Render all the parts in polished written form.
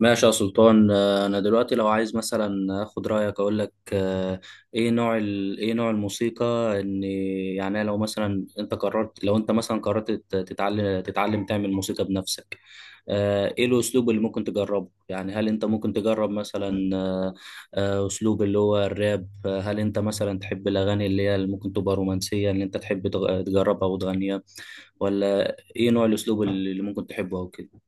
ماشي يا سلطان، انا دلوقتي لو عايز مثلا اخد رايك اقول لك. ايه نوع الموسيقى؟ ان يعني لو مثلا انت قررت، لو انت مثلا قررت تتعلم تعمل موسيقى بنفسك. ايه الاسلوب اللي ممكن تجربه؟ يعني هل انت ممكن تجرب مثلا اسلوب اللي هو الراب؟ هل انت مثلا تحب الاغاني اللي ممكن تبقى رومانسية، اللي انت تحب تجربها وتغنيها؟ ولا ايه نوع الاسلوب اللي ممكن تحبه او كده؟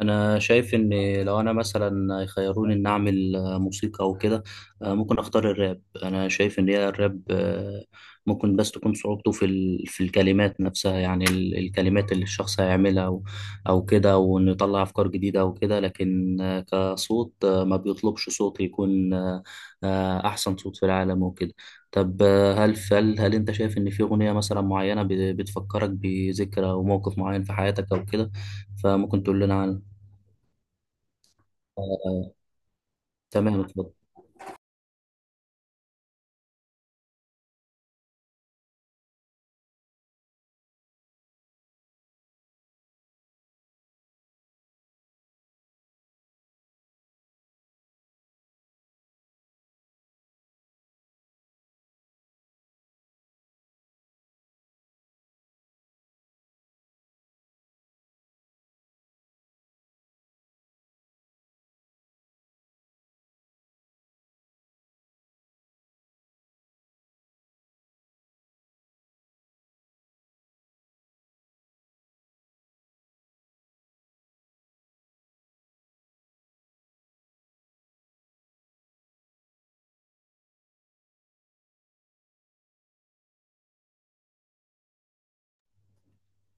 انا شايف ان لو انا مثلا يخيروني ان اعمل موسيقى او كده، ممكن اختار الراب. انا شايف ان هي الراب ممكن بس تكون صعوبته في الكلمات نفسها، يعني الكلمات اللي الشخص هيعملها، او كده، وانه يطلع افكار جديده او كده. لكن كصوت ما بيطلبش صوت يكون احسن صوت في العالم وكده. طب، هل انت شايف ان في اغنيه مثلا معينه بتفكرك بذكرى او موقف معين في حياتك او كده؟ فممكن تقول لنا عنها. آه، تمام، اتفضل.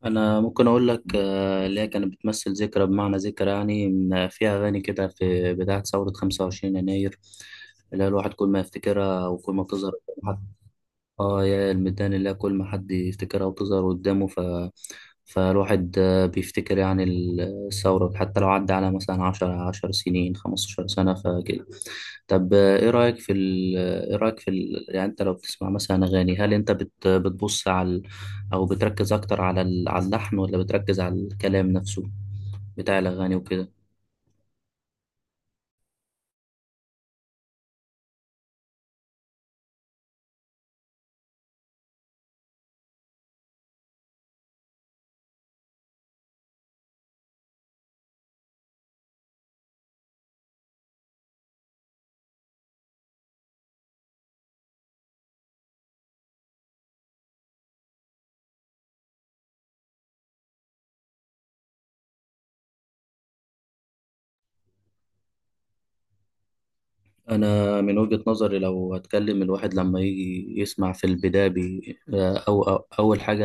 انا ممكن اقول لك اللي هي كانت بتمثل ذكرى، بمعنى ذكرى يعني فيها اغاني كده في بدايه ثوره 25 يناير، اللي هي الواحد كل ما يفتكرها وكل ما بتظهر. اه، يا الميدان، اللي هي كل ما حد يفتكرها وتظهر قدامه، فالواحد بيفتكر يعني الثورة، حتى لو عدى على مثلا عشر سنين، خمستاشر سنة، فكده. طب، ايه رأيك في ال... يعني انت لو بتسمع مثلا اغاني، هل انت بتبص على او بتركز اكتر على على اللحن، ولا بتركز على الكلام نفسه بتاع الاغاني وكده؟ أنا من وجهة نظري، لو هتكلم، الواحد لما يجي يسمع في البداية بي أو أول حاجة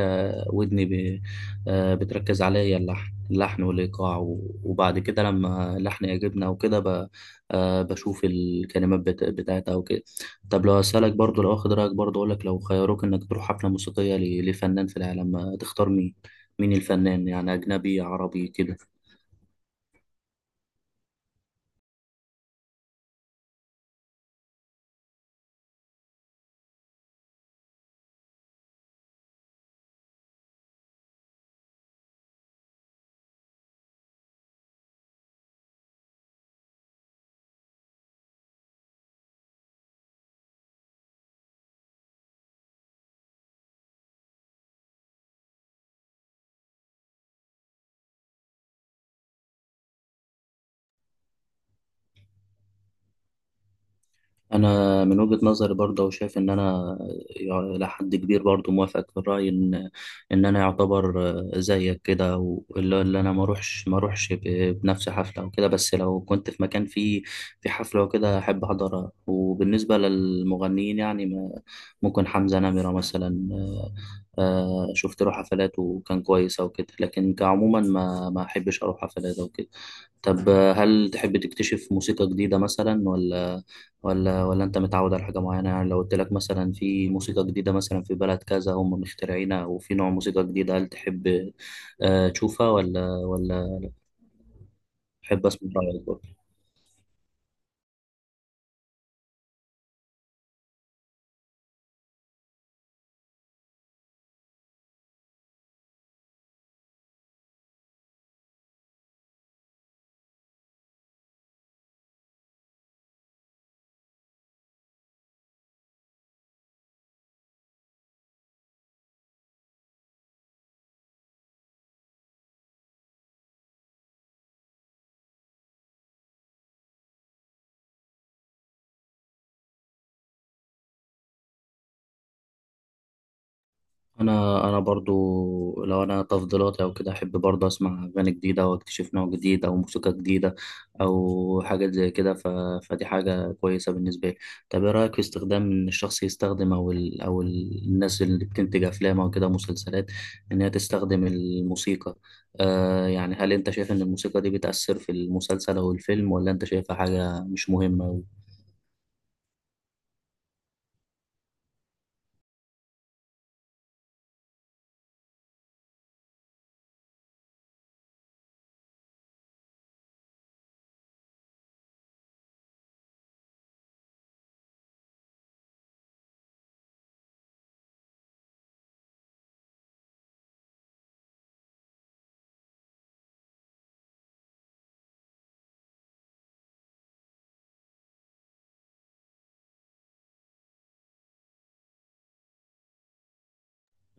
ودني بي، بتركز عليها هي اللحن، اللحن والإيقاع وبعد كده لما اللحن يعجبنا وكده بشوف الكلمات بتاعتها وكده. طب، لو أسألك برضو، لو أخد رأيك برضو أقولك، لو خيروك إنك تروح حفلة موسيقية لفنان في العالم، تختار مين؟ مين الفنان؟ يعني أجنبي، عربي، كده؟ انا من وجهة نظري برضه، وشايف ان انا الى حد كبير برضه موافقك في الراي، ان انا يعتبر زيك كده، واللي انا ما اروحش بنفس حفله وكده، بس لو كنت في مكان فيه في حفله وكده احب احضرها. وبالنسبه للمغنيين يعني ممكن حمزه نمره مثلا، شفت له حفلات وكان كويس او كده، لكن كعموما ما احبش اروح حفلات او كده. طب، هل تحب تكتشف موسيقى جديده مثلا؟ ولا انت متعود على حاجه معينه؟ يعني لو قلت لك مثلا في موسيقى جديده، مثلا في بلد كذا هم مخترعينها، وفي نوع موسيقى جديده، هل تحب تشوفها؟ ولا تحب اسمع رايك برضه؟ انا برضو، لو انا تفضيلاتي او كده، احب برضو اسمع اغاني جديده، واكتشف نوع جديد او موسيقى جديده او حاجه زي كده. فدي حاجه كويسه بالنسبه لي. طب، ايه رايك في استخدام ان الشخص يستخدم، الناس اللي بتنتج افلام او كده مسلسلات، ان هي تستخدم الموسيقى؟ يعني هل انت شايف ان الموسيقى دي بتأثر في المسلسل او الفيلم، ولا انت شايفها حاجه مش مهمه؟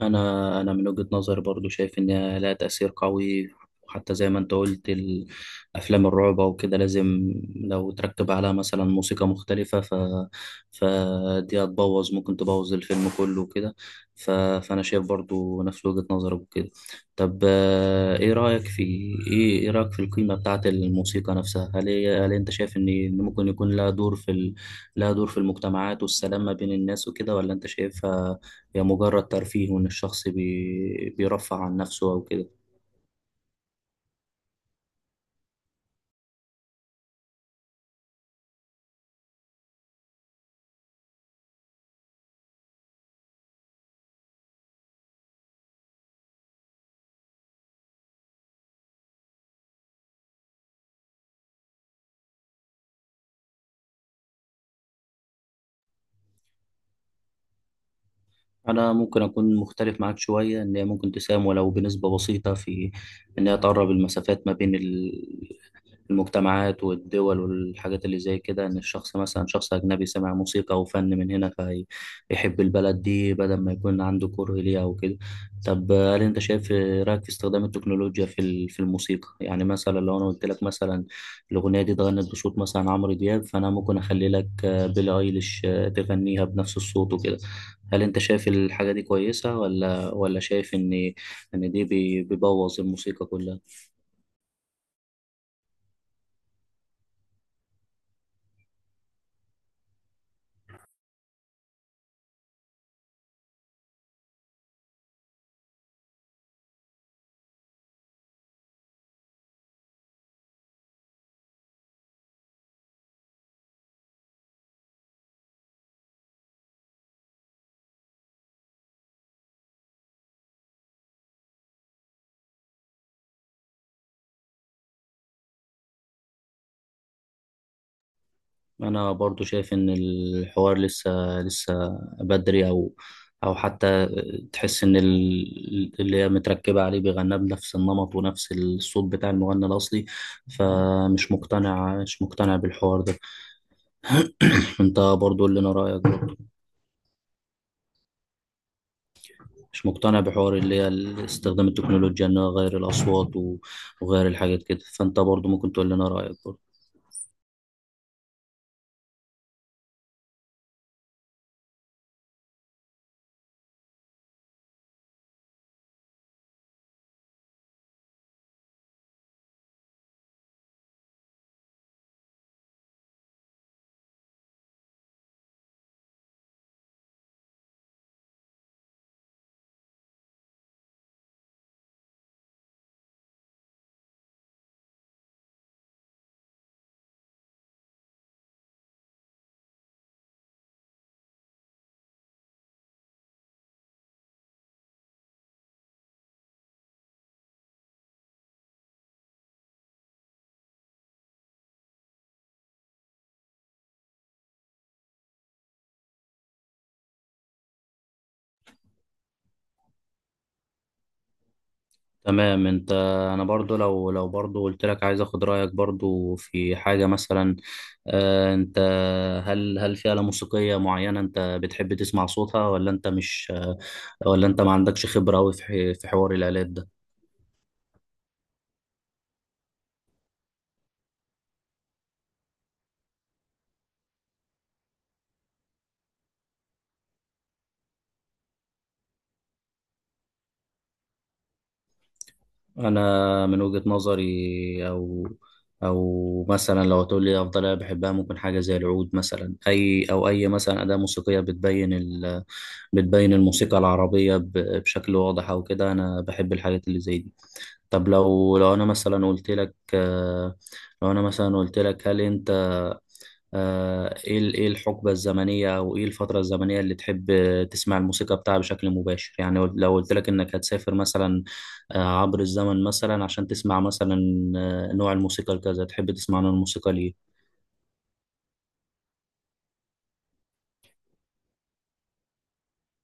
انا من وجهة نظري برضو شايف ان لها تأثير قوي، وحتى زي ما انت قلت، افلام الرعب وكده، لازم لو تركب عليها مثلا موسيقى مختلفة، فدي هتبوظ، ممكن تبوظ الفيلم كله وكده. فانا شايف برضو نفس وجهة نظرك وكده. طب، ايه رأيك في القيمة بتاعت الموسيقى نفسها؟ هل انت شايف ان ممكن يكون لها دور لها دور في المجتمعات والسلام ما بين الناس وكده؟ ولا انت شايفها هي مجرد ترفيه، وإن الشخص بيرفع عن نفسه أو كده؟ أنا ممكن أكون مختلف معاك شوية، إن هي ممكن تساهم ولو بنسبة بسيطة في إن هي تقرب المسافات ما بين المجتمعات والدول والحاجات اللي زي كده، ان الشخص مثلا شخص اجنبي سمع موسيقى او فن من هنا، فيحب البلد دي بدل ما يكون عنده كره ليها او كده. طب، هل انت شايف رايك في استخدام التكنولوجيا في الموسيقى؟ يعني مثلا لو انا قلت لك مثلا الاغنيه دي اتغنت بصوت مثلا عمرو دياب، فانا ممكن اخلي لك بيلي ايليش تغنيها بنفس الصوت وكده. هل انت شايف الحاجه دي كويسه، ولا شايف ان دي بيبوظ الموسيقى كلها؟ انا برضو شايف ان الحوار لسه بدري، او حتى تحس ان اللي هي متركبه عليه بيغنى بنفس النمط ونفس الصوت بتاع المغني الاصلي، فمش مقتنع، مش مقتنع بالحوار ده. انت برضو قول لنا رايك برضو. مش مقتنع بحوار اللي هي استخدام التكنولوجيا، انها غير الاصوات وغير الحاجات كده. فانت برضو ممكن تقول لنا رايك برضو. تمام. انا برضو، لو برضو قلت لك عايز اخد رايك برضو في حاجه مثلا، آه، انت هل في آلة موسيقيه معينه انت بتحب تسمع صوتها؟ ولا انت مش ولا انت ما عندكش خبره قوي في حوار الآلات ده؟ انا من وجهه نظري، او مثلا لو هتقول لي افضل آلة بحبها، ممكن حاجه زي العود مثلا، اي مثلا اداه موسيقيه بتبين بتبين الموسيقى العربيه بشكل واضح او كده. انا بحب الحاجات اللي زي دي. طب، لو انا مثلا قلت لك، هل انت ايه الحقبة الزمنية، او ايه الفترة الزمنية اللي تحب تسمع الموسيقى بتاعها بشكل مباشر؟ يعني لو قلت لك انك هتسافر مثلا عبر الزمن، مثلا عشان تسمع مثلا نوع الموسيقى الكذا، تحب تسمع نوع الموسيقى ليه؟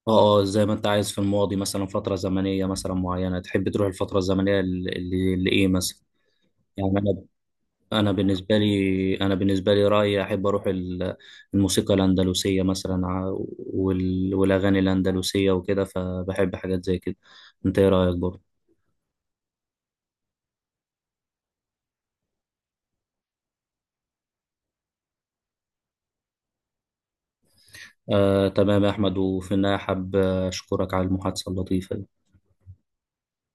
اه، اه، زي ما انت عايز. في الماضي مثلا، فترة زمنية مثلا معينة تحب تروح الفترة الزمنية اللي ايه مثلا، يعني؟ انا بالنسبه لي رايي احب اروح الموسيقى الاندلسيه مثلا، والاغاني الاندلسيه وكده، فبحب حاجات زي كده. انت ايه رايك برضه؟ تمام يا احمد، وفي النهايه حاب اشكرك على المحادثه اللطيفه دي.